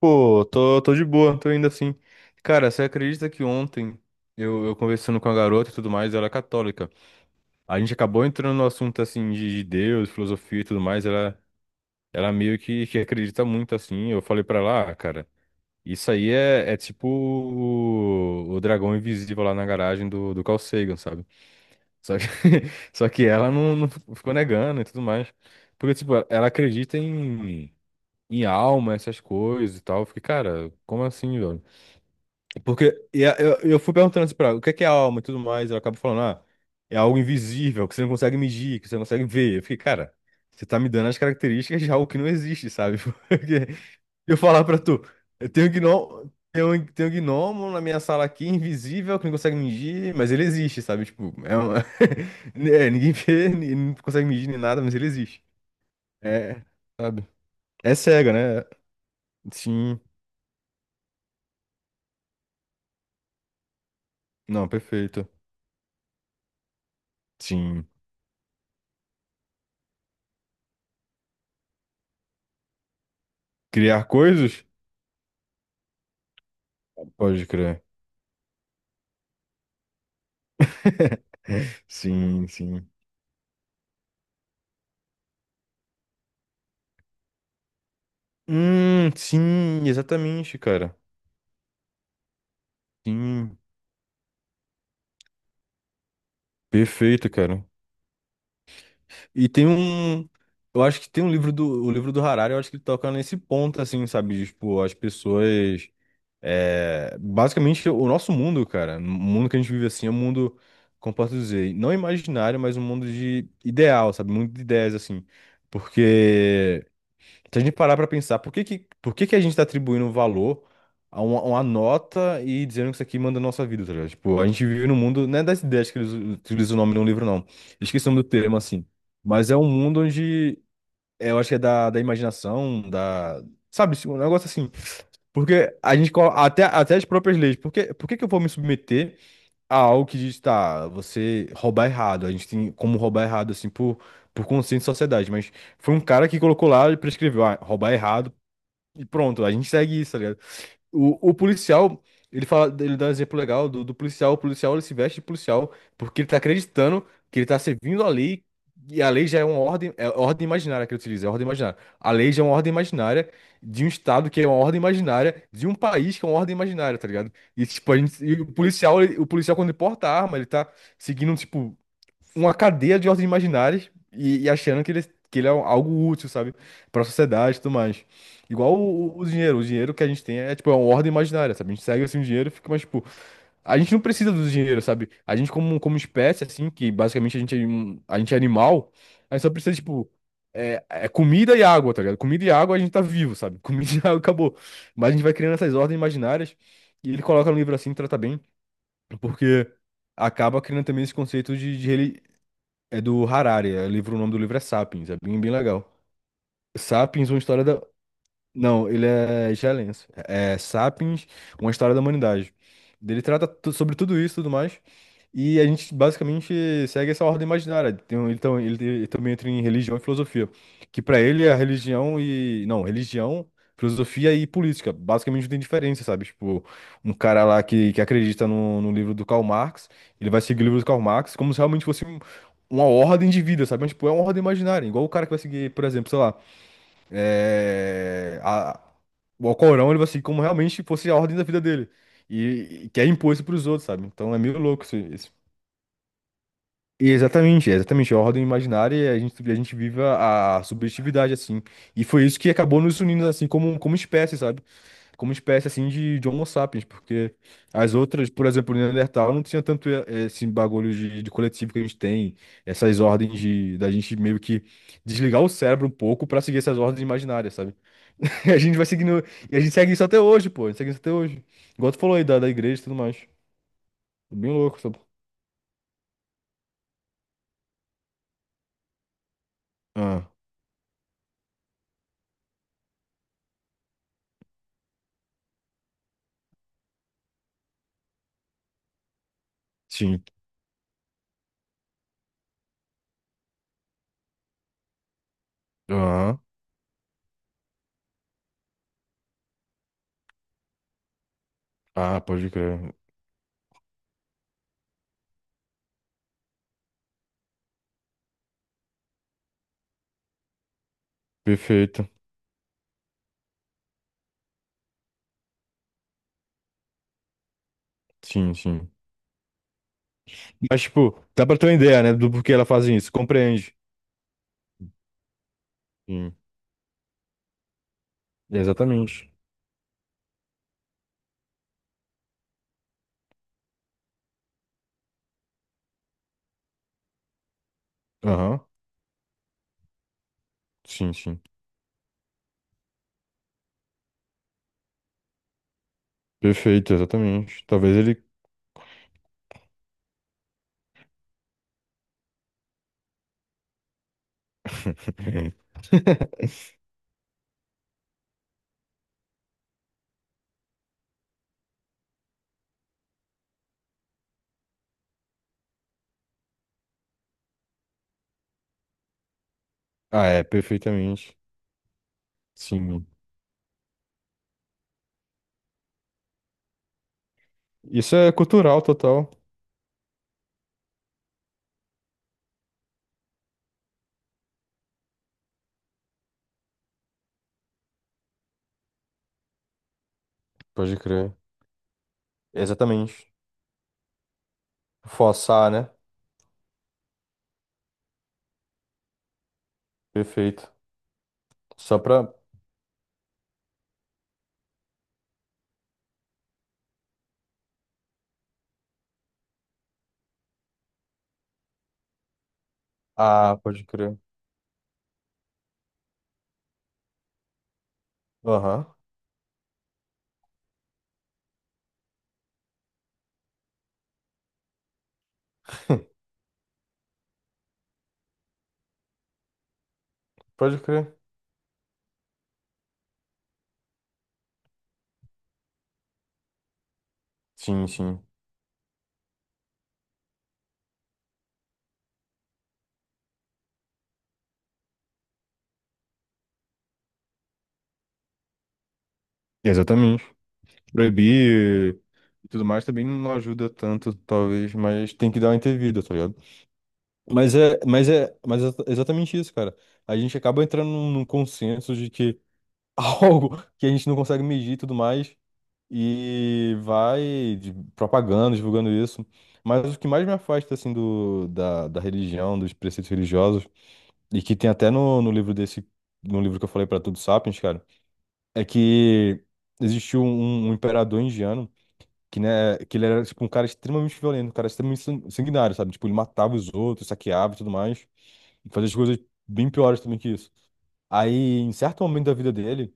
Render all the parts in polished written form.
Pô, tô de boa, tô indo assim. Cara, você acredita que ontem eu conversando com a garota e tudo mais, ela é católica. A gente acabou entrando no assunto assim de Deus, filosofia e tudo mais, ela meio que acredita muito assim. Eu falei pra ela, ah, cara, isso aí é tipo o dragão invisível lá na garagem do Carl Sagan, sabe? Só que, só que ela não ficou negando e tudo mais. Porque, tipo, ela acredita em alma, essas coisas e tal. Eu fiquei, cara, como assim, velho? Porque e a- eu fui perguntando assim pra ela, o que é alma e tudo mais, ela acaba falando, ah, é algo invisível, que você não consegue medir, que você não consegue ver. Eu fiquei, cara, você tá me dando as características de algo que não existe, sabe? Porque eu falar pra tu, eu tenho gnomo, tem um gnomo na minha sala aqui, invisível, que não consegue medir, mas ele existe, sabe? Tipo, é uma... é, ninguém vê, não consegue medir nem nada, mas ele existe. É, sabe? É cega, né? Sim. Não, perfeito. Sim. Criar coisas? Pode crer. Sim, sim. Sim, exatamente, cara. Sim, perfeito, cara. E tem um. Eu acho que tem um livro do. O livro do Harari, eu acho que ele toca nesse ponto, assim, sabe? De, tipo, as pessoas. É, basicamente, o nosso mundo, cara. O mundo que a gente vive assim é um mundo, como posso dizer, não imaginário, mas um mundo de ideal, sabe? Um mundo de ideias, assim. Porque. Se a gente parar pra pensar, por que que a gente tá atribuindo um valor a uma nota e dizendo que isso aqui manda a nossa vida, tá ligado? Tipo, a gente vive num mundo, não é das ideias que eles utilizam o nome de um livro, não. Esqueci o nome do termo, assim. Mas é um mundo onde, é, eu acho que é da imaginação, da... Sabe, tipo, um negócio assim. Porque a gente, até as próprias leis, por que que eu vou me submeter a algo que diz, tá, você roubar errado? A gente tem como roubar errado, assim, por consciência de sociedade, mas... Foi um cara que colocou lá e prescreveu, ah, roubar é errado e pronto, a gente segue isso, tá ligado? O policial, ele fala, ele dá um exemplo legal do policial. O policial, ele se veste de policial porque ele tá acreditando que ele tá servindo a lei. E a lei já é uma ordem, é ordem imaginária que ele utiliza, é ordem imaginária. A lei já é uma ordem imaginária de um estado que é uma ordem imaginária, de um país que é uma ordem imaginária, tá ligado? E tipo, a gente, e o policial, o policial quando ele porta a arma, ele tá seguindo, tipo, uma cadeia de ordens imaginárias e achando que ele é um, algo útil, sabe? Para a sociedade e tudo mais. Igual o dinheiro. O dinheiro que a gente tem é, tipo, é uma ordem imaginária, sabe? A gente segue, assim, o dinheiro e fica, mas, tipo... A gente não precisa do dinheiro, sabe? A gente, como espécie, assim, que basicamente a gente é animal, a gente só precisa, tipo... É comida e água, tá ligado? Comida e água a gente tá vivo, sabe? Comida e água acabou. Mas a gente vai criando essas ordens imaginárias e ele coloca no livro assim, trata bem, porque acaba criando também esse conceito de. É do Harari, é livro, o nome do livro é Sapiens, é bem, bem legal. Sapiens, uma história da, não, ele é excelente. É Sapiens, uma história da humanidade. Ele sobre tudo isso e tudo mais. E a gente basicamente segue essa ordem imaginária. Tem um- Ele, tam- ele- ele também entra em religião e filosofia. Que pra ele é religião e. Não, religião, filosofia e política. Basicamente não tem diferença, sabe? Tipo, um cara lá que acredita no livro do Karl Marx, ele vai seguir o livro do Karl Marx como se realmente fosse uma ordem de vida, sabe? Mas, tipo, é uma ordem imaginária. Igual o cara que vai seguir, por exemplo, sei lá é, a- o Alcorão, ele vai seguir como realmente fosse a ordem da vida dele. E que é imposto pros outros, sabe? Então é meio louco isso. E exatamente. É a ordem imaginária, e a gente vive a subjetividade, assim. E foi isso que acabou nos unindo, assim, como espécie, sabe? Como espécie, assim, de Homo sapiens. Porque as outras, por exemplo, o Neandertal não tinha tanto esse bagulho de coletivo que a gente tem, essas ordens de, da gente meio que desligar o cérebro um pouco pra seguir essas ordens imaginárias, sabe? E a gente vai seguindo. E a gente segue isso até hoje, pô. A gente segue isso até hoje. Igual tu falou aí da igreja e tudo mais. É bem louco, sabe? Ah, sim. Ah, ah, pode crer. Perfeito. Sim, sim. Mas, tipo, dá pra ter uma ideia, né? Do porquê ela fazem isso. Compreende. Sim. Exatamente. Aham. Sim, sim. Perfeito, exatamente. Talvez ele. Ah, é, perfeitamente. Sim. Isso é cultural total. Pode crer. Exatamente. Forçar, né? Perfeito. Só pra, ah, pode crer. Aham. Pode crer. Sim, sim. Exatamente. Proibir e tudo mais também não ajuda tanto, talvez, mas tem que dar uma intervida, tá ligado? Mas é exatamente isso, cara. A gente acaba entrando num consenso de que algo que a gente não consegue medir e tudo mais, e vai propagando, divulgando isso. Mas o que mais me afasta, assim, da religião, dos preceitos religiosos, e que tem até no livro desse, no livro que eu falei pra Tudo Sapiens, cara é que existiu um, um imperador indiano que, né, que ele era, tipo, um cara extremamente violento, um cara extremamente sanguinário, sabe? Tipo, ele matava os outros, saqueava e tudo mais, e fazia as coisas bem piores também que isso. Aí, em certo momento da vida dele,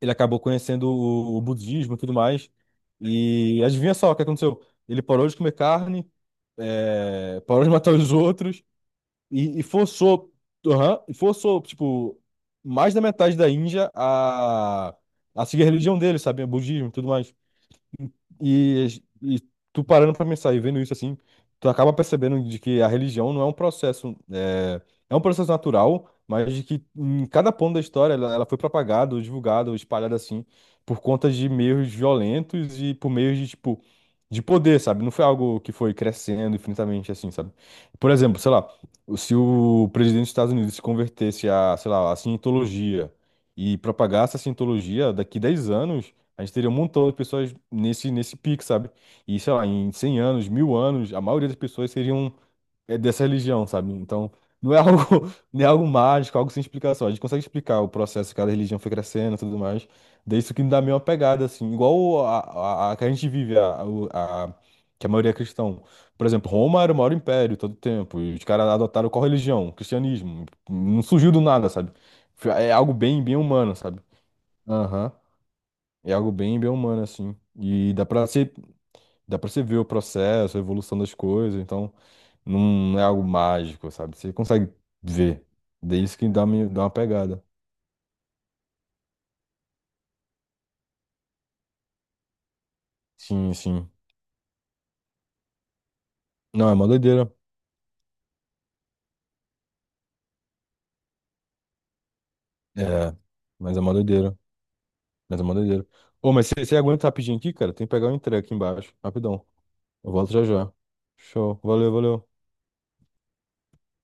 ele acabou conhecendo o budismo e tudo mais, e adivinha só o que aconteceu? Ele parou de comer carne, parou de matar os outros, e forçou, aham, e forçou, tipo, mais da metade da Índia a seguir a religião dele, sabe? O budismo e tudo mais. E, e tu parando pra pensar e vendo isso assim, tu acaba percebendo de que a religião não é um processo, é, é um processo natural, mas de que em cada ponto da história ela foi propagada, ou divulgada, ou espalhada assim, por conta de meios violentos e por meios de, tipo, de poder, sabe? Não foi algo que foi crescendo infinitamente assim, sabe? Por exemplo, sei lá, se o presidente dos Estados Unidos se convertesse a, sei lá, a cientologia e propagasse a cientologia daqui 10 anos. A gente teria um montão de pessoas nesse pico, sabe? E, sei lá, em 100 anos, 1.000 anos, a maioria das pessoas seriam é, dessa religião, sabe? Então, não é algo, não é algo mágico, algo sem explicação. A gente consegue explicar o processo que cada religião foi crescendo e tudo mais. Daí isso que me dá meio uma pegada, assim, igual a que a gente vive, que a maioria é cristão. Por exemplo, Roma era o maior império todo o tempo, e os caras adotaram qual religião? O Cristianismo. Não surgiu do nada, sabe? É algo bem, bem humano, sabe? Aham. É algo bem, bem humano, assim. E dá pra você ver o processo, a evolução das coisas, então não é algo mágico, sabe? Você consegue ver. Daí isso que dá uma pegada. Sim, sim. Não, é uma doideira. É, mas é uma doideira. Mas é uma doideira. Ô, mas você aguenta rapidinho aqui, cara? Tem que pegar o entrega aqui embaixo. Rapidão. Eu volto já já. Show. Valeu, valeu.